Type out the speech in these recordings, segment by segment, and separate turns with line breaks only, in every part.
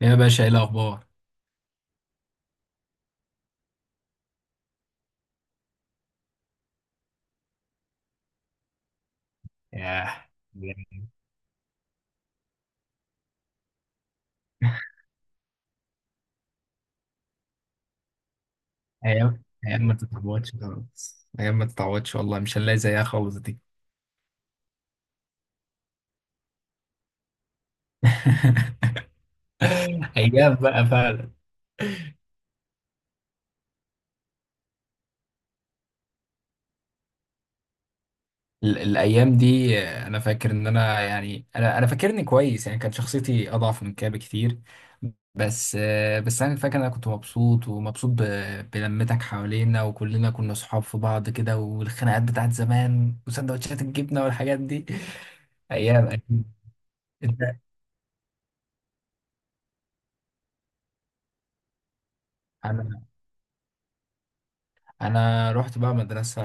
يا باشا، ايه الاخبار؟ ياه، بجد. ايام، ايام ما تتعوضش خالص، ايام ما تتعوضش، والله مش هنلاقي زيها خالص دي. ايام بقى فعلا. الايام دي، انا فاكر ان انا، يعني انا فاكرني كويس، يعني كانت شخصيتي اضعف من كده بكتير. بس انا فاكر إن انا كنت مبسوط، ومبسوط بلمتك حوالينا، وكلنا كنا صحاب في بعض كده، والخناقات بتاعت زمان وسندوتشات الجبنه والحاجات دي. ايام اكيد. انت؟ انا رحت بقى مدرسة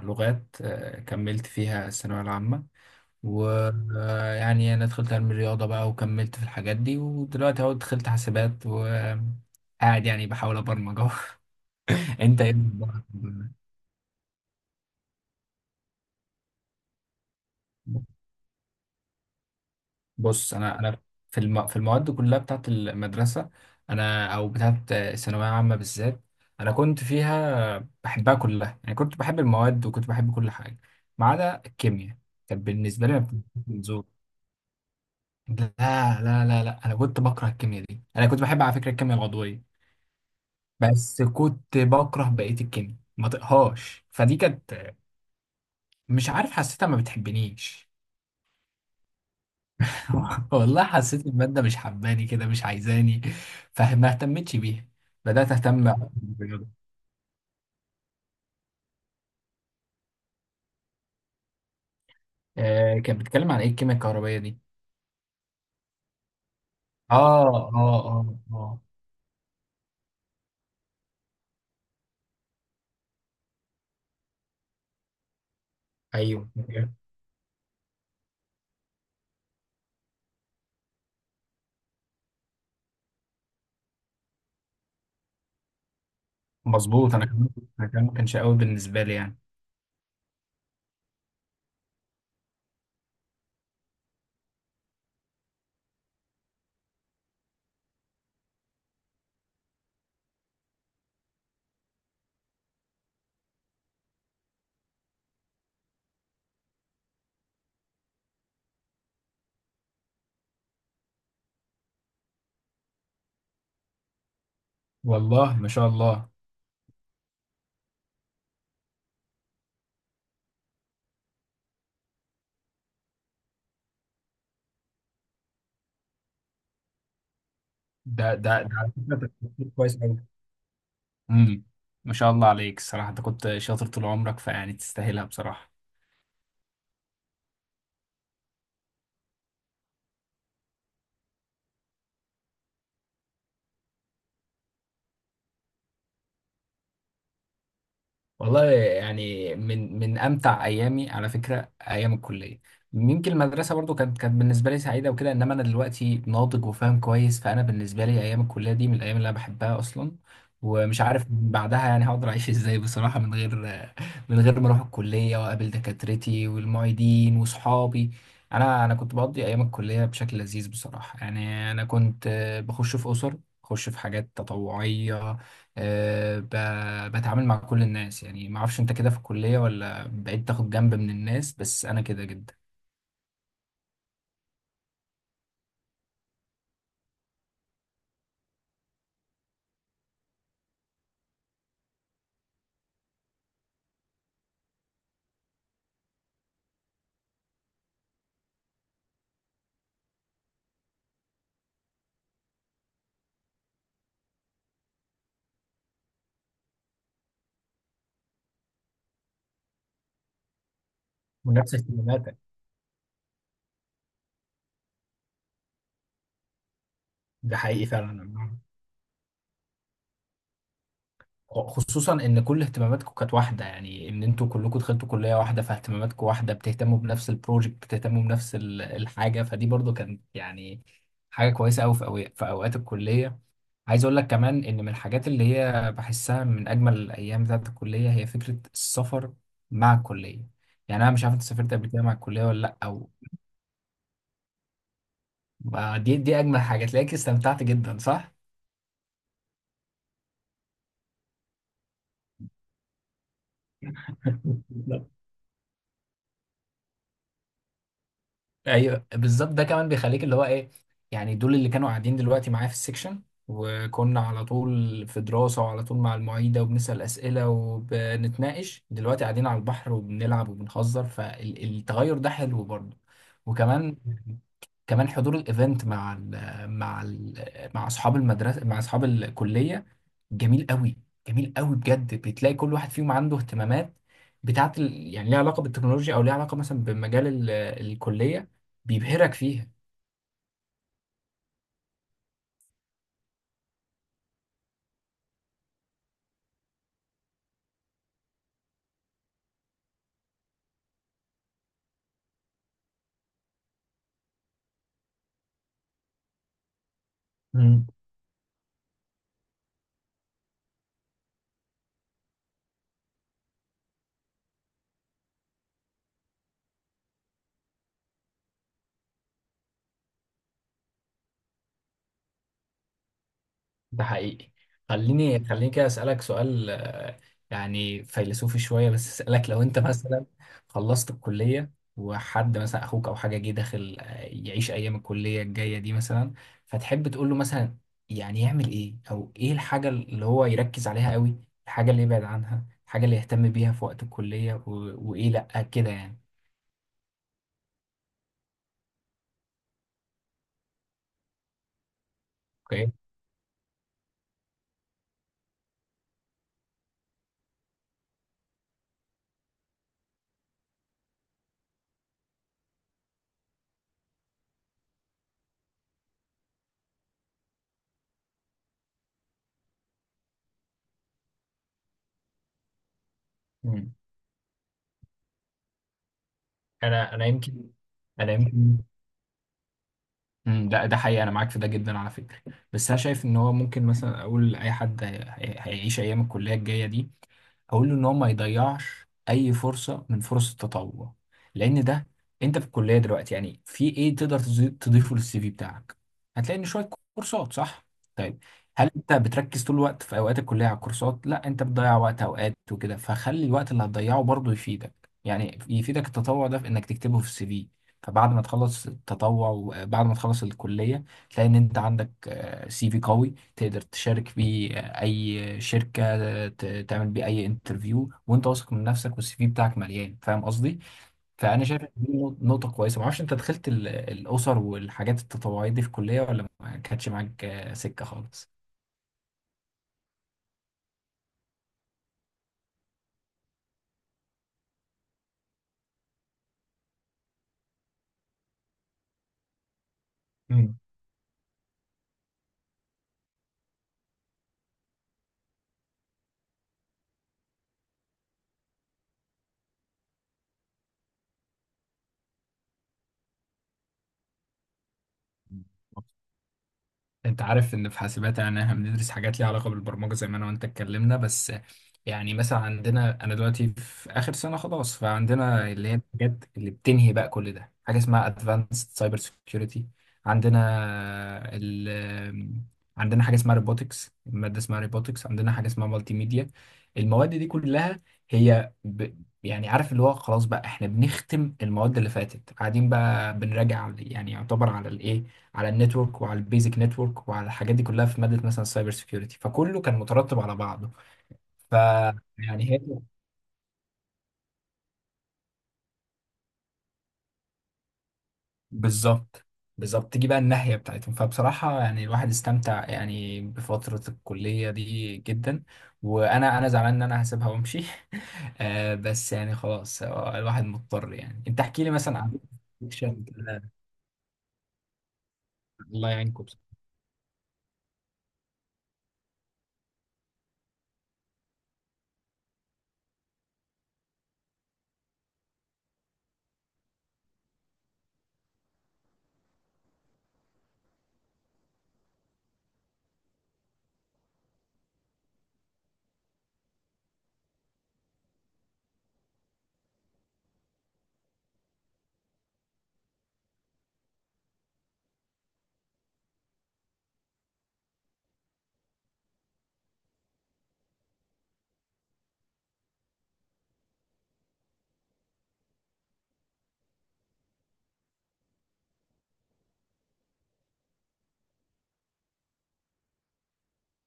لغات، كملت فيها الثانوية العامة. ويعني انا دخلت علم الرياضة بقى وكملت في الحاجات دي، ودلوقتي اهو دخلت حاسبات وقاعد يعني بحاول ابرمج اهو. انت ايه الأخبار؟ بص، انا في المواد كلها بتاعت المدرسة، انا او بتاعت الثانوية العامة بالذات، انا كنت فيها بحبها كلها، يعني كنت بحب المواد وكنت بحب كل حاجة ما عدا الكيمياء. كانت بالنسبة لي ما بتنزلش. لا لا لا، انا كنت بكره الكيمياء دي. انا كنت بحب على فكره الكيمياء العضويه، بس كنت بكره بقيه الكيمياء، ما طقهاش، فدي كانت، مش عارف، حسيتها ما بتحبنيش. والله حسيت الماده مش حباني كده، مش عايزاني، فما اهتمتش بيها. بدات اهتم بالرياضه. آه، كانت بتتكلم عن ايه الكيمياء الكهربائيه دي؟ اه اه اه. اه. ايوه. مظبوط، انا كمان. انا كمان ما كانش قوي بالنسبه لي يعني. والله ما شاء الله. ده على فكرة تفكير كويس أوي. امم. ما شاء الله عليك، الصراحة انت كنت شاطر طول عمرك، فيعني تستاهلها بصراحة. والله يعني من امتع ايامي على فكره ايام الكليه. يمكن المدرسه برضو كانت بالنسبه لي سعيده وكده، انما انا دلوقتي ناضج وفاهم كويس، فانا بالنسبه لي ايام الكليه دي من الايام اللي انا بحبها اصلا. ومش عارف بعدها يعني هقدر اعيش ازاي بصراحه، من غير، من غير ما اروح الكليه واقابل دكاترتي والمعيدين وصحابي. انا كنت بقضي ايام الكليه بشكل لذيذ بصراحه، يعني انا كنت بخش في اسر، بخش في حاجات تطوعيه. أه، بتعامل مع كل الناس، يعني ما اعرفش انت كده في الكلية، ولا بقيت تاخد جنب من الناس؟ بس انا كده جدا. ونفس اهتماماتك. ده حقيقي فعلا. خصوصا ان كل اهتماماتكم كانت واحدة، يعني ان انتوا كلكم دخلتوا كلية واحدة فاهتماماتكم واحدة، بتهتموا بنفس البروجكت، بتهتموا بنفس الحاجة، فدي برضو كانت يعني حاجة كويسة قوي في في اوقات الكلية. عايز اقول لك كمان ان من الحاجات اللي هي بحسها من اجمل الايام بتاعت الكليه هي فكره السفر مع الكليه. يعني انا مش عارف انت سافرت قبل كده مع الكليه ولا لا، او، ما دي دي اجمل حاجه، تلاقيك استمتعت جدا صح؟ ايوه بالظبط. ده كمان بيخليك اللي هو ايه، يعني دول اللي كانوا قاعدين دلوقتي معايا في السكشن، وكنا على طول في دراسة وعلى طول مع المعيدة وبنسأل أسئلة وبنتناقش، دلوقتي قاعدين على البحر وبنلعب وبنهزر، فالتغير ده حلو برضه. وكمان، كمان حضور الايفنت مع ال مع ال مع اصحاب المدرسه، مع اصحاب الكليه، جميل قوي. جميل قوي بجد، بتلاقي كل واحد فيهم عنده اهتمامات بتاعت يعني ليها علاقه بالتكنولوجيا، او ليها علاقه مثلا بمجال الكليه، بيبهرك فيها. مم. ده حقيقي. خليني كده أسألك سؤال، يعني فيلسوفي شوية، بس أسألك، لو أنت مثلا خلصت الكلية وحد مثلا أخوك أو حاجة جه داخل، يعيش أيام الكلية الجاية دي مثلا، فتحب تقول له مثلا، يعني يعمل إيه؟ أو إيه الحاجة اللي هو يركز عليها قوي؟ الحاجة اللي يبعد عنها؟ الحاجة اللي يهتم بيها في وقت الكلية؟ وإيه لأ كده يعني؟ أوكي. مم. أنا يمكن. أنا يمكن. امم، ده حقيقي، انا معاك في ده جدا على فكره. بس انا شايف ان هو ممكن مثلا اقول لاي حد هيعيش ايام الكليه الجايه دي، اقول له ان هو ما يضيعش اي فرصه من فرص التطوع، لان ده، انت في الكليه دلوقتي، يعني في ايه تقدر تضيفه للسي في بتاعك؟ هتلاقي ان شويه كورسات صح. طيب، هل انت بتركز طول الوقت في اوقات الكليه على الكورسات؟ لا، انت بتضيع وقت اوقات وكده، فخلي الوقت اللي هتضيعه برضه يفيدك. يعني يفيدك التطوع ده في انك تكتبه في السي في. فبعد ما تخلص التطوع وبعد ما تخلص الكلية، تلاقي إن أنت عندك سي في قوي تقدر تشارك بيه أي شركة، تعمل بيه أي انترفيو، وأنت واثق من نفسك والسي في بتاعك مليان، فاهم قصدي؟ فأنا شايف إن دي نقطة كويسة. معرفش أنت دخلت الأسر والحاجات التطوعية دي في الكلية، ولا ما كانتش معاك سكة خالص؟ مم. انت عارف ان في حاسبات يعني احنا بندرس حاجات ليها علاقه بالبرمجه زي ما انا وانت اتكلمنا. بس يعني مثلا عندنا، انا دلوقتي في اخر سنه خلاص، فعندنا اللي هي الحاجات اللي بتنهي بقى كل ده، حاجه اسمها ادفانسد سايبر سكيورتي. عندنا ال عندنا حاجه اسمها روبوتكس، ماده اسمها روبوتكس. عندنا حاجه اسمها مالتي ميديا. المواد دي كلها هي يعني عارف اللي هو خلاص بقى احنا بنختم المواد اللي فاتت، قاعدين بقى بنراجع يعني يعتبر على الايه، على النتورك وعلى البيزك نتورك وعلى الحاجات دي كلها في ماده مثلا السايبر سيكيورتي، فكله كان مترتب على بعضه. ف يعني هي بالظبط، بالظبط، تيجي بقى الناحيه بتاعتهم. فبصراحه يعني الواحد استمتع يعني بفتره الكليه دي جدا، وانا، انا زعلان ان انا هسيبها وامشي. آه بس يعني خلاص، الواحد مضطر يعني. انت احكي لي مثلا عن fiction كده. الله يعينكم.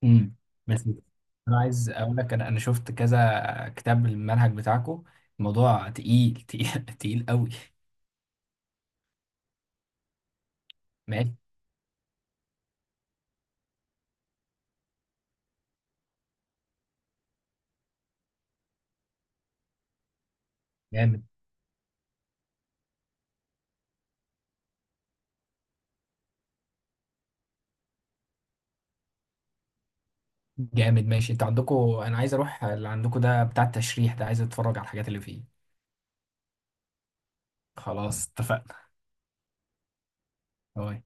امم، بس انا عايز اقول لك، انا شفت كذا كتاب المنهج بتاعكم، الموضوع تقيل تقيل قوي. ماشي. جامد. جامد ماشي. انتوا عندكم، انا عايز اروح اللي عندكم ده بتاع التشريح ده، عايز اتفرج على الحاجات اللي فيه. خلاص اتفقنا. باي.